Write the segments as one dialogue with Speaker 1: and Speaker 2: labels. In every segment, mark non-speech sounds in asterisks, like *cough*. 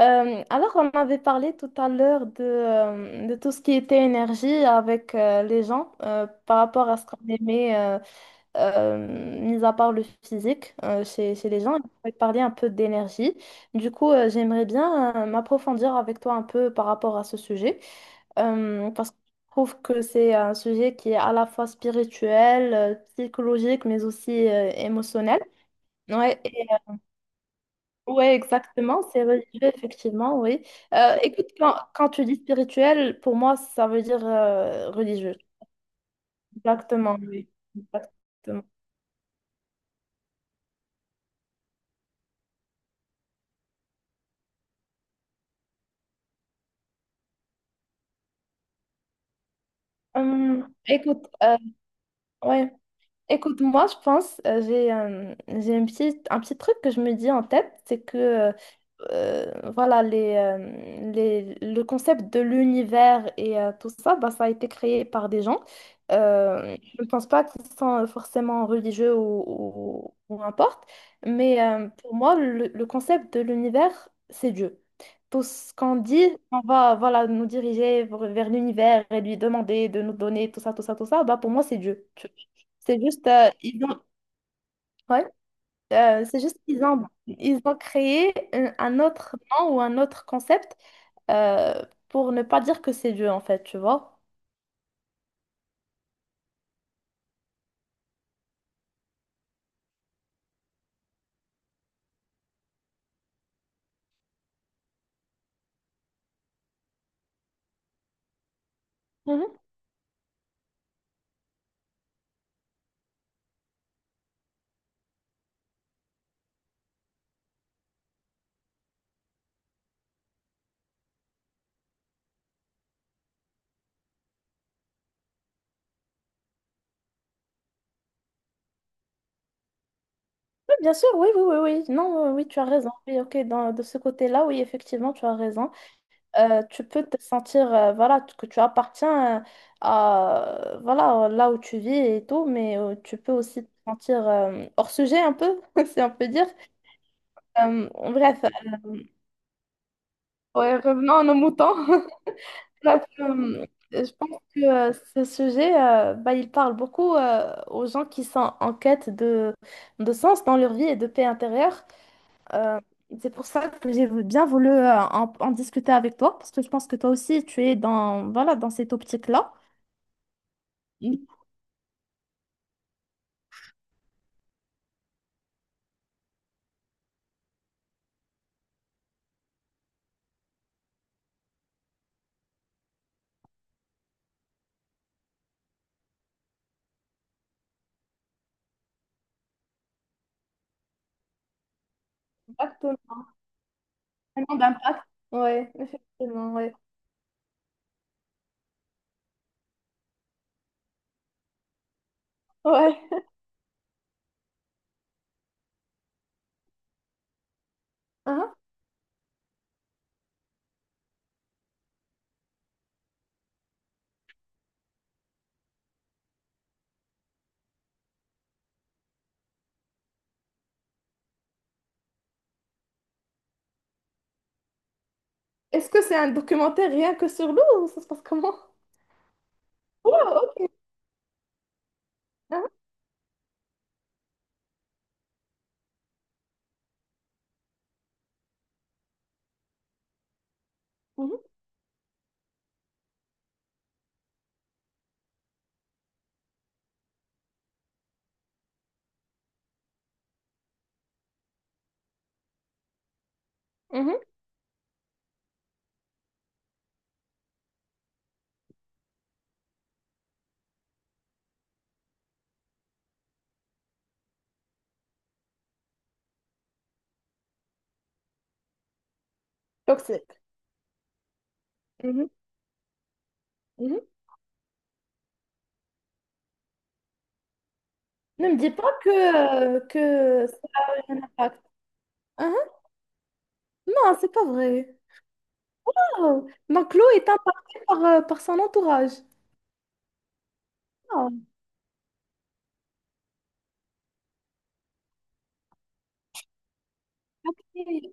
Speaker 1: Alors, on avait parlé tout à l'heure de tout ce qui était énergie avec les gens par rapport à ce qu'on aimait, mis à part le physique chez les gens. On avait parlé un peu d'énergie. Du coup, j'aimerais bien m'approfondir avec toi un peu par rapport à ce sujet parce que je trouve que c'est un sujet qui est à la fois spirituel, psychologique, mais aussi émotionnel. Ouais, oui, exactement, c'est religieux, effectivement, oui. Écoute, quand tu dis spirituel, pour moi, ça veut dire religieux. Exactement, oui. Exactement. Écoute, ouais. Écoute, moi, je pense, j'ai un petit truc que je me dis en tête, c'est que voilà, le concept de l'univers et tout ça, bah, ça a été créé par des gens. Je ne pense pas qu'ils sont forcément religieux ou, importe, mais pour moi, le concept de l'univers, c'est Dieu. Tout ce qu'on dit, on va voilà, nous diriger vers l'univers et lui demander de nous donner tout ça, tout ça, tout ça, bah, pour moi, c'est Dieu. C'est juste, ils ont, ouais, c'est juste qu'ils ont, ils ont créé un autre nom ou un autre concept euh, pour ne pas dire que c'est Dieu, en fait, tu vois. Mhm. Oui, bien sûr, oui, oui, oui, oui. Non, oui, tu as raison. Oui, ok, dans, de ce côté-là, oui, effectivement, tu as raison. Tu peux te sentir, voilà, que tu appartiens à, voilà, là où tu vis et tout, mais tu peux aussi te sentir hors sujet un peu, *laughs* si on peut dire. Bref, ouais, revenons à nos moutons. *laughs* Donc, je pense que ce sujet, bah, il parle beaucoup aux gens qui sont en quête de, sens dans leur vie et de paix intérieure. Euh, c'est pour ça que bien voulu en, en discuter avec toi, parce que je pense que toi aussi, tu es dans, voilà, dans cette optique-là. Mhm. Exactement. Vraiment d'impact. Ouais, effectivement, ouais. Ouais. Hein? Est-ce que c'est un documentaire rien que sur l'eau ou ça se passe comment? Ouais, ok. Hein? Mhm. Mhm. Toxique. Mhm. Mhm. Ne me dis pas que, ça a un impact. Hein? Non, c'est pas vrai. Oh. Donc l'eau est impactée par, son entourage. Ah, ok.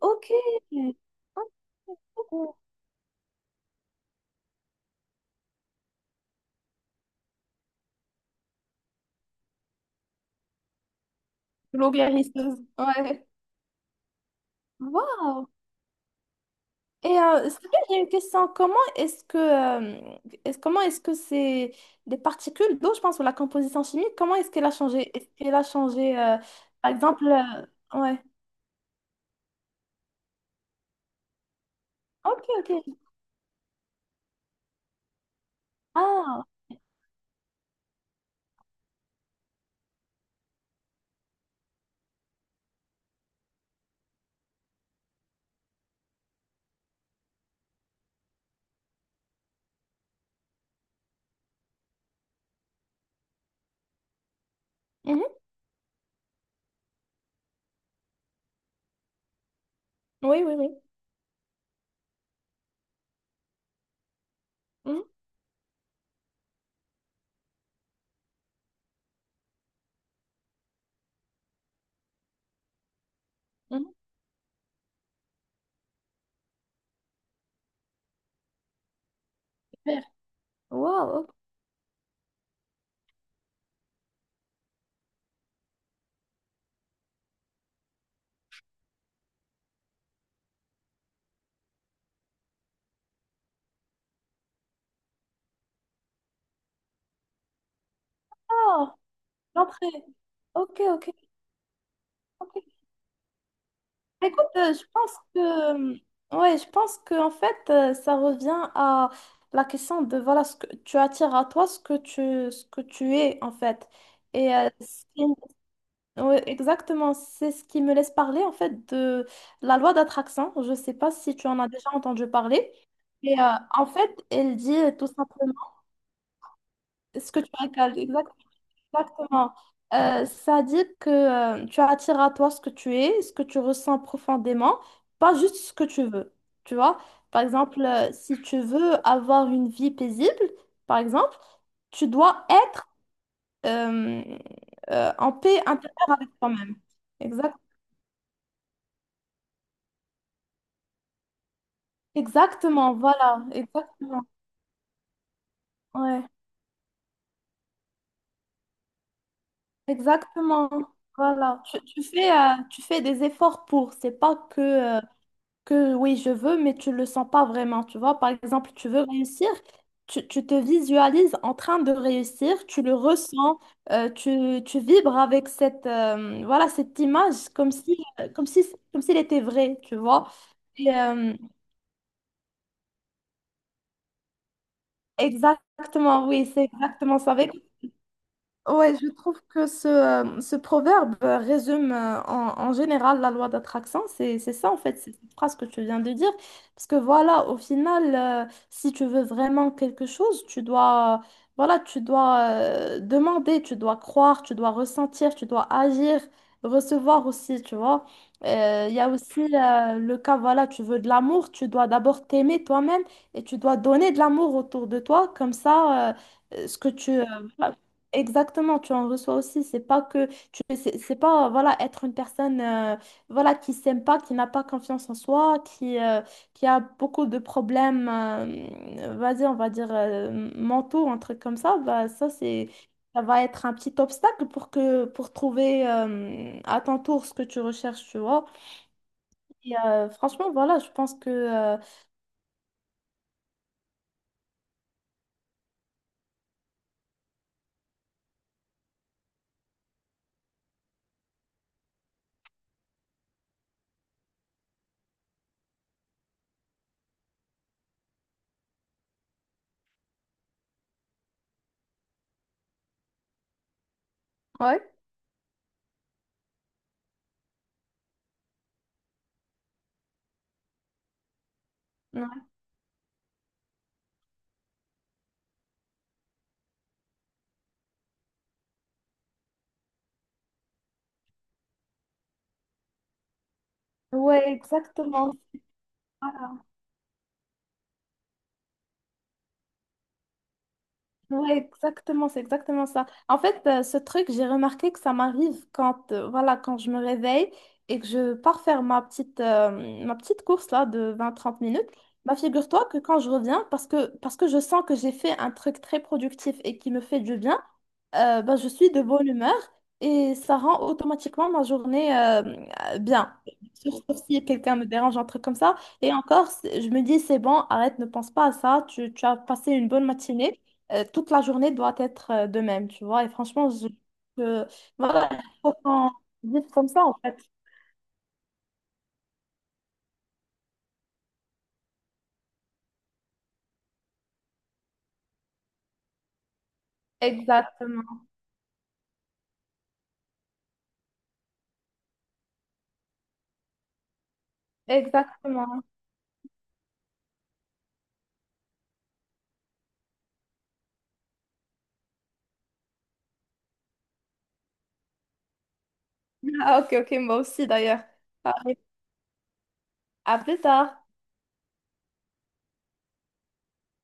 Speaker 1: Ok. Oh, l'eau guérisseuse. Ouais. Wow. Et c'est bien, j'ai une question. Comment est-ce que, comment est-ce que c'est des particules d'eau, je pense, ou la composition chimique, comment est-ce qu'elle a changé? Est-ce qu'elle a changé, par exemple, ouais. Ok, ok. Ah. Mhm. Oui, oui, oui. Mhm. Mhm, super. Wow, ok. Oh, l'entrée. Ok, ok, ok. Bah, écoute, je pense que, ouais, je pense que en fait, ça revient à la question de voilà, ce que tu attires à toi, ce que tu es en fait. Et ouais, exactement, c'est ce qui me laisse parler en fait de la loi d'attraction. Je ne sais pas si tu en as déjà entendu parler. Et en fait, elle dit tout simplement ce que tu as. Exactement. Exactement. Ça dit que tu attires à toi ce que tu es, ce que tu ressens profondément, pas juste ce que tu veux. Tu vois? Par exemple, si tu veux avoir une vie paisible, par exemple, tu dois être euh, en paix intérieure avec toi-même. Exact Exactement, voilà, exactement. Ouais, exactement. Voilà. Tu fais des efforts pour. C'est pas que oui, je veux, mais tu le sens pas vraiment, tu vois. Par exemple, tu veux réussir, tu te visualises en train de réussir, tu le ressens, tu vibres avec cette, voilà, cette image comme si, comme si, comme s'il était vrai, tu vois. Et, exactement, oui, c'est exactement ça. Avec. Ouais, je trouve que ce proverbe résume en général la loi d'attraction. C'est ça, en fait, c'est cette phrase que tu viens de dire. Parce que voilà, au final, si tu veux vraiment quelque chose, tu dois, voilà, tu dois demander, tu dois croire, tu dois ressentir, tu dois agir, recevoir aussi, tu vois. Il y a aussi le cas, voilà, tu veux de l'amour, tu dois d'abord t'aimer toi-même et tu dois donner de l'amour autour de toi. Comme ça, euh, ce que tu... euh, exactement, tu en reçois aussi. C'est pas que tu, c'est pas voilà être une personne voilà qui s'aime pas, qui n'a pas confiance en soi, qui a beaucoup de problèmes, vas-y, on va dire mentaux, un truc comme ça. Bah ça va être un petit obstacle pour que pour trouver à ton tour ce que tu recherches, tu vois. Et franchement, voilà, je pense que. Ouais. Ouais, exactement. Ouais, exactement, c'est exactement ça. En fait, ce truc, j'ai remarqué que ça m'arrive quand, voilà, quand je me réveille et que je pars faire ma petite course là de 20-30 minutes. Bah, figure-toi que quand je reviens, parce que je sens que j'ai fait un truc très productif et qui me fait du bien, bah, je suis de bonne humeur et ça rend automatiquement ma journée bien. Sur si quelqu'un me dérange, un truc comme ça. Et encore, je me dis, c'est bon, arrête, ne pense pas à ça. Tu as passé une bonne matinée. Toute la journée doit être de même, tu vois. Et franchement, je- voilà, il faut qu'on vive comme ça, en fait. Exactement, exactement. *laughs* Ah, ok, ok, moi aussi d'ailleurs. Ah, à plus tard.